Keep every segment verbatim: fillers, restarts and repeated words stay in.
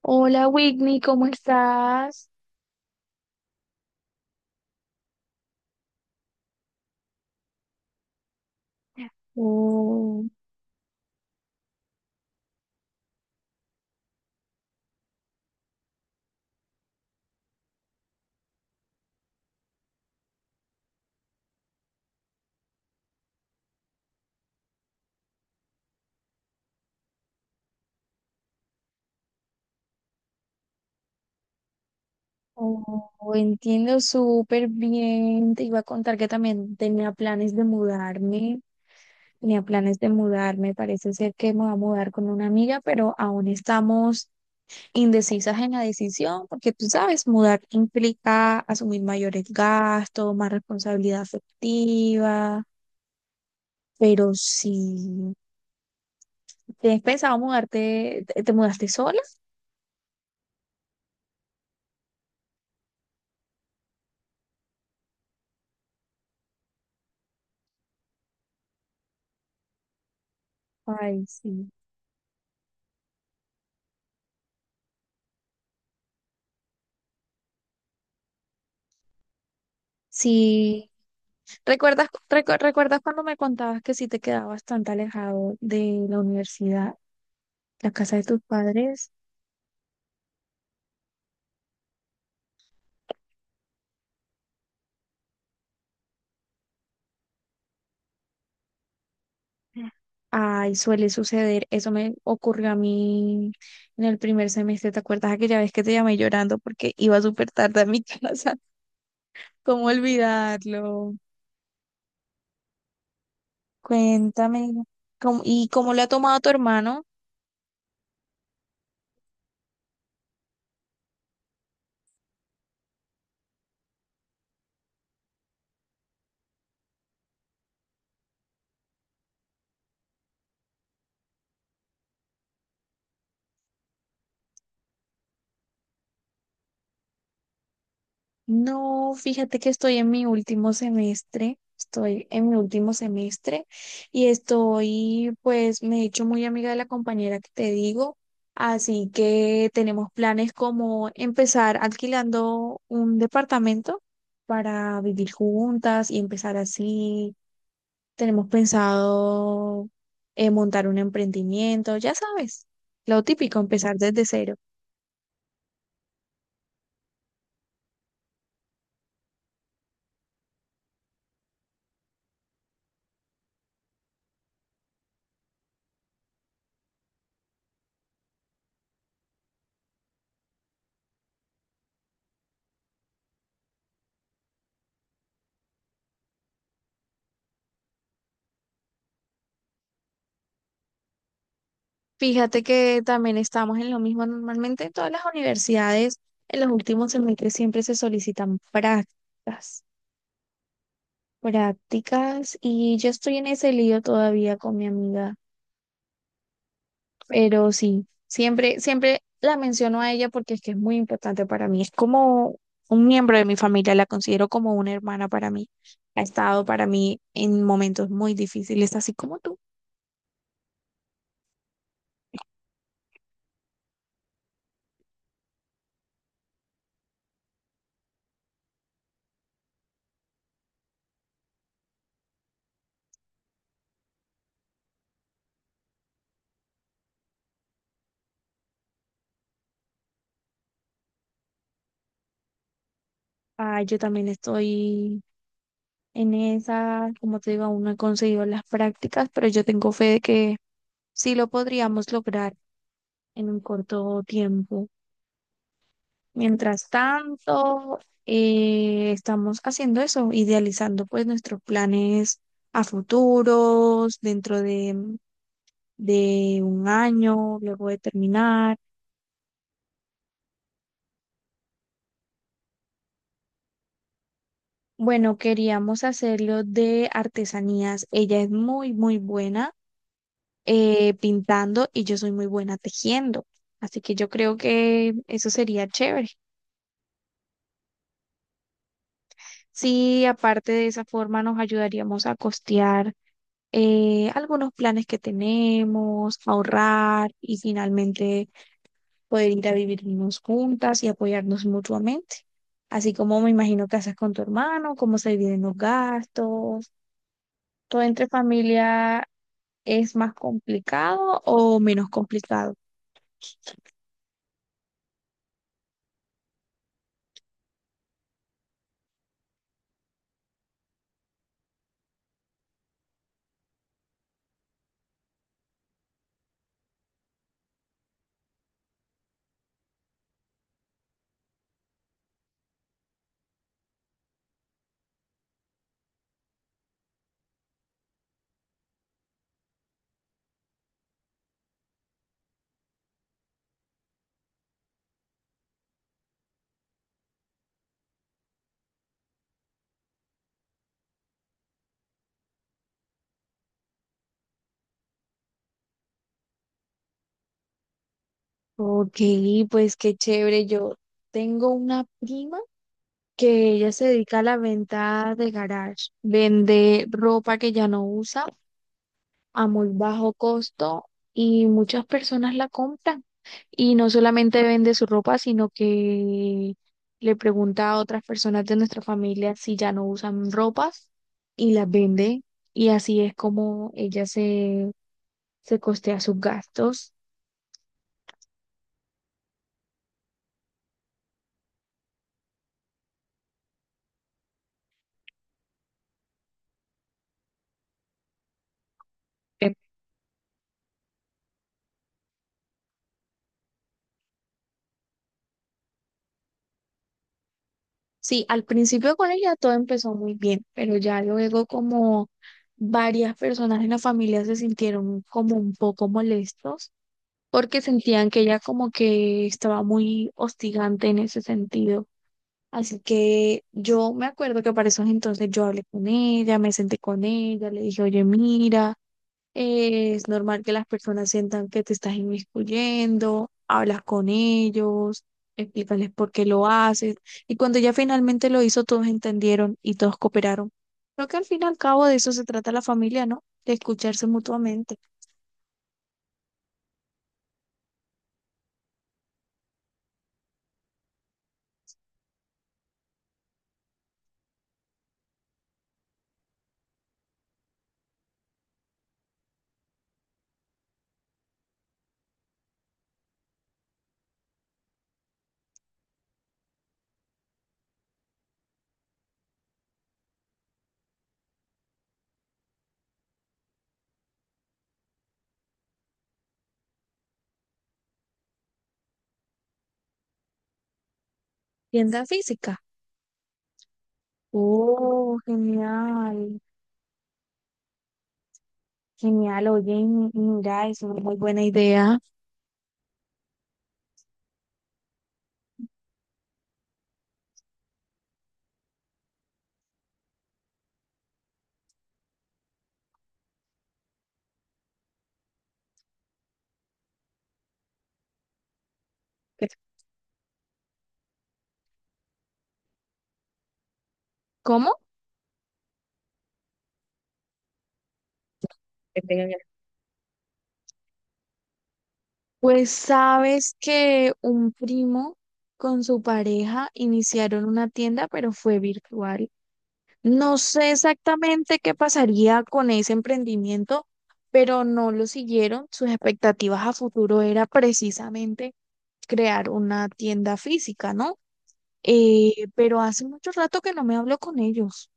Hola Whitney, ¿cómo estás? Oh, oh, entiendo súper bien. Te iba a contar que también tenía planes de mudarme. Tenía planes de mudarme. Parece ser que me voy a mudar con una amiga, pero aún estamos indecisas en la decisión, porque tú sabes, mudar implica asumir mayores gastos, más responsabilidad afectiva. Pero si te has pensado mudarte, te te mudaste sola? Ay, sí. Sí, ¿Recuerdas, recu- recuerdas cuando me contabas que si te quedabas bastante alejado de la universidad, la casa de tus padres? Ay, suele suceder. Eso me ocurrió a mí en el primer semestre. ¿Te acuerdas aquella vez que te llamé llorando porque iba súper tarde a mi casa? ¿Cómo olvidarlo? Cuéntame. ¿cómo- y cómo le ha tomado tu hermano? No, fíjate que estoy en mi último semestre, estoy en mi último semestre y estoy, pues me he hecho muy amiga de la compañera que te digo, así que tenemos planes como empezar alquilando un departamento para vivir juntas y empezar así. Tenemos pensado eh, montar un emprendimiento, ya sabes, lo típico, empezar desde cero. Fíjate que también estamos en lo mismo. Normalmente en todas las universidades, en los últimos semestres siempre se solicitan prácticas, prácticas, y yo estoy en ese lío todavía con mi amiga, pero sí, siempre, siempre la menciono a ella porque es que es muy importante para mí. Es como un miembro de mi familia, la considero como una hermana para mí. Ha estado para mí en momentos muy difíciles, así como tú. Ah, yo también estoy. En esa, como te digo, aún no he conseguido las prácticas, pero yo tengo fe de que sí lo podríamos lograr en un corto tiempo. Mientras tanto, eh, estamos haciendo eso, idealizando pues nuestros planes a futuros, dentro de, de un año, luego de terminar. Bueno, queríamos hacerlo de artesanías. Ella es muy, muy buena. eh, pintando y yo soy muy buena tejiendo. Así que yo creo que eso sería chévere. Sí, aparte de esa forma nos ayudaríamos a costear eh, algunos planes que tenemos, ahorrar y finalmente poder ir a vivirnos juntas y apoyarnos mutuamente. Así como me imagino que haces con tu hermano, cómo se dividen los gastos, todo entre familia es más complicado o menos complicado. Ok, pues qué chévere. Yo tengo una prima que ella se dedica a la venta de garage. Vende ropa que ya no usa a muy bajo costo y muchas personas la compran. Y no solamente vende su ropa, sino que le pregunta a otras personas de nuestra familia si ya no usan ropas y las vende. Y así es como ella se, se costea sus gastos. Sí, al principio con ella todo empezó muy bien, pero ya luego como varias personas en la familia se sintieron como un poco molestos porque sentían que ella como que estaba muy hostigante en ese sentido. Así que yo me acuerdo que para esos entonces yo hablé con ella, me senté con ella, le dije, oye, mira. Eh, Es normal que las personas sientan que te estás inmiscuyendo, hablas con ellos, explícales por qué lo haces. Y cuando ya finalmente lo hizo, todos entendieron y todos cooperaron. Creo que al fin y al cabo de eso se trata la familia, ¿no? De escucharse mutuamente. Tienda física. Oh, genial. Genial, oye, mi- mira, es una muy buena idea. ¿Cómo? Pues sabes que un primo con su pareja iniciaron una tienda, pero fue virtual. No sé exactamente qué pasaría con ese emprendimiento, pero no lo siguieron. Sus expectativas a futuro era precisamente crear una tienda física, ¿no? Eh, pero hace mucho rato que no me hablo con ellos.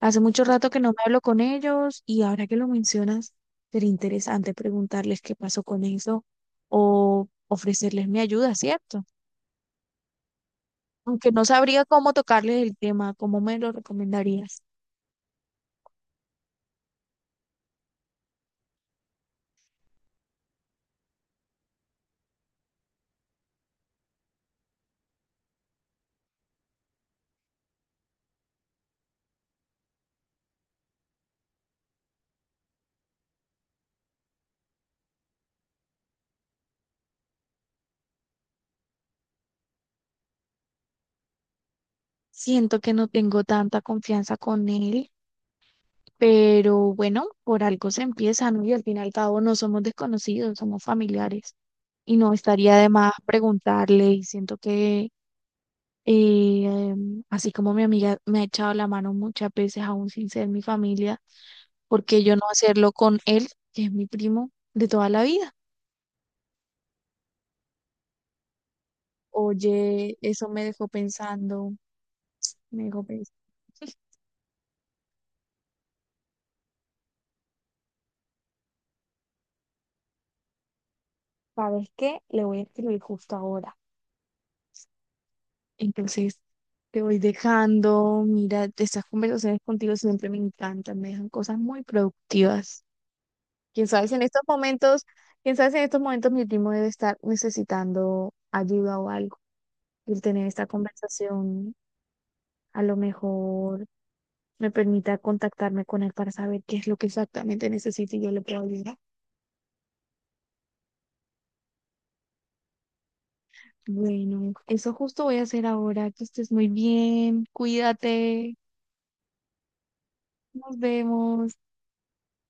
Hace mucho rato que no me hablo con ellos y ahora que lo mencionas, sería interesante preguntarles qué pasó con eso o ofrecerles mi ayuda, ¿cierto? Aunque no sabría cómo tocarles el tema, ¿cómo me lo recomendarías? Siento que no tengo tanta confianza con él, pero bueno, por algo se empieza, ¿no? Y al fin y al cabo no somos desconocidos, somos familiares. Y no estaría de más preguntarle y siento que eh em, así como mi amiga me ha echado la mano muchas veces, aún sin ser mi familia, ¿porque yo no hacerlo con él, que es mi primo de toda la vida? Oye, eso me dejó pensando, me dejó pensando, ¿sabes qué? Le voy a escribir justo ahora. Entonces, te voy dejando, mira, estas conversaciones contigo siempre me encantan, me dejan cosas muy productivas. Quién sabe si en estos momentos, quién sabe si en estos momentos mi primo debe estar necesitando ayuda o algo. El tener esta conversación a lo mejor me permita contactarme con él para saber qué es lo que exactamente necesito y yo le puedo ayudar. Bueno, eso justo voy a hacer ahora. Que estés muy bien, cuídate, nos vemos.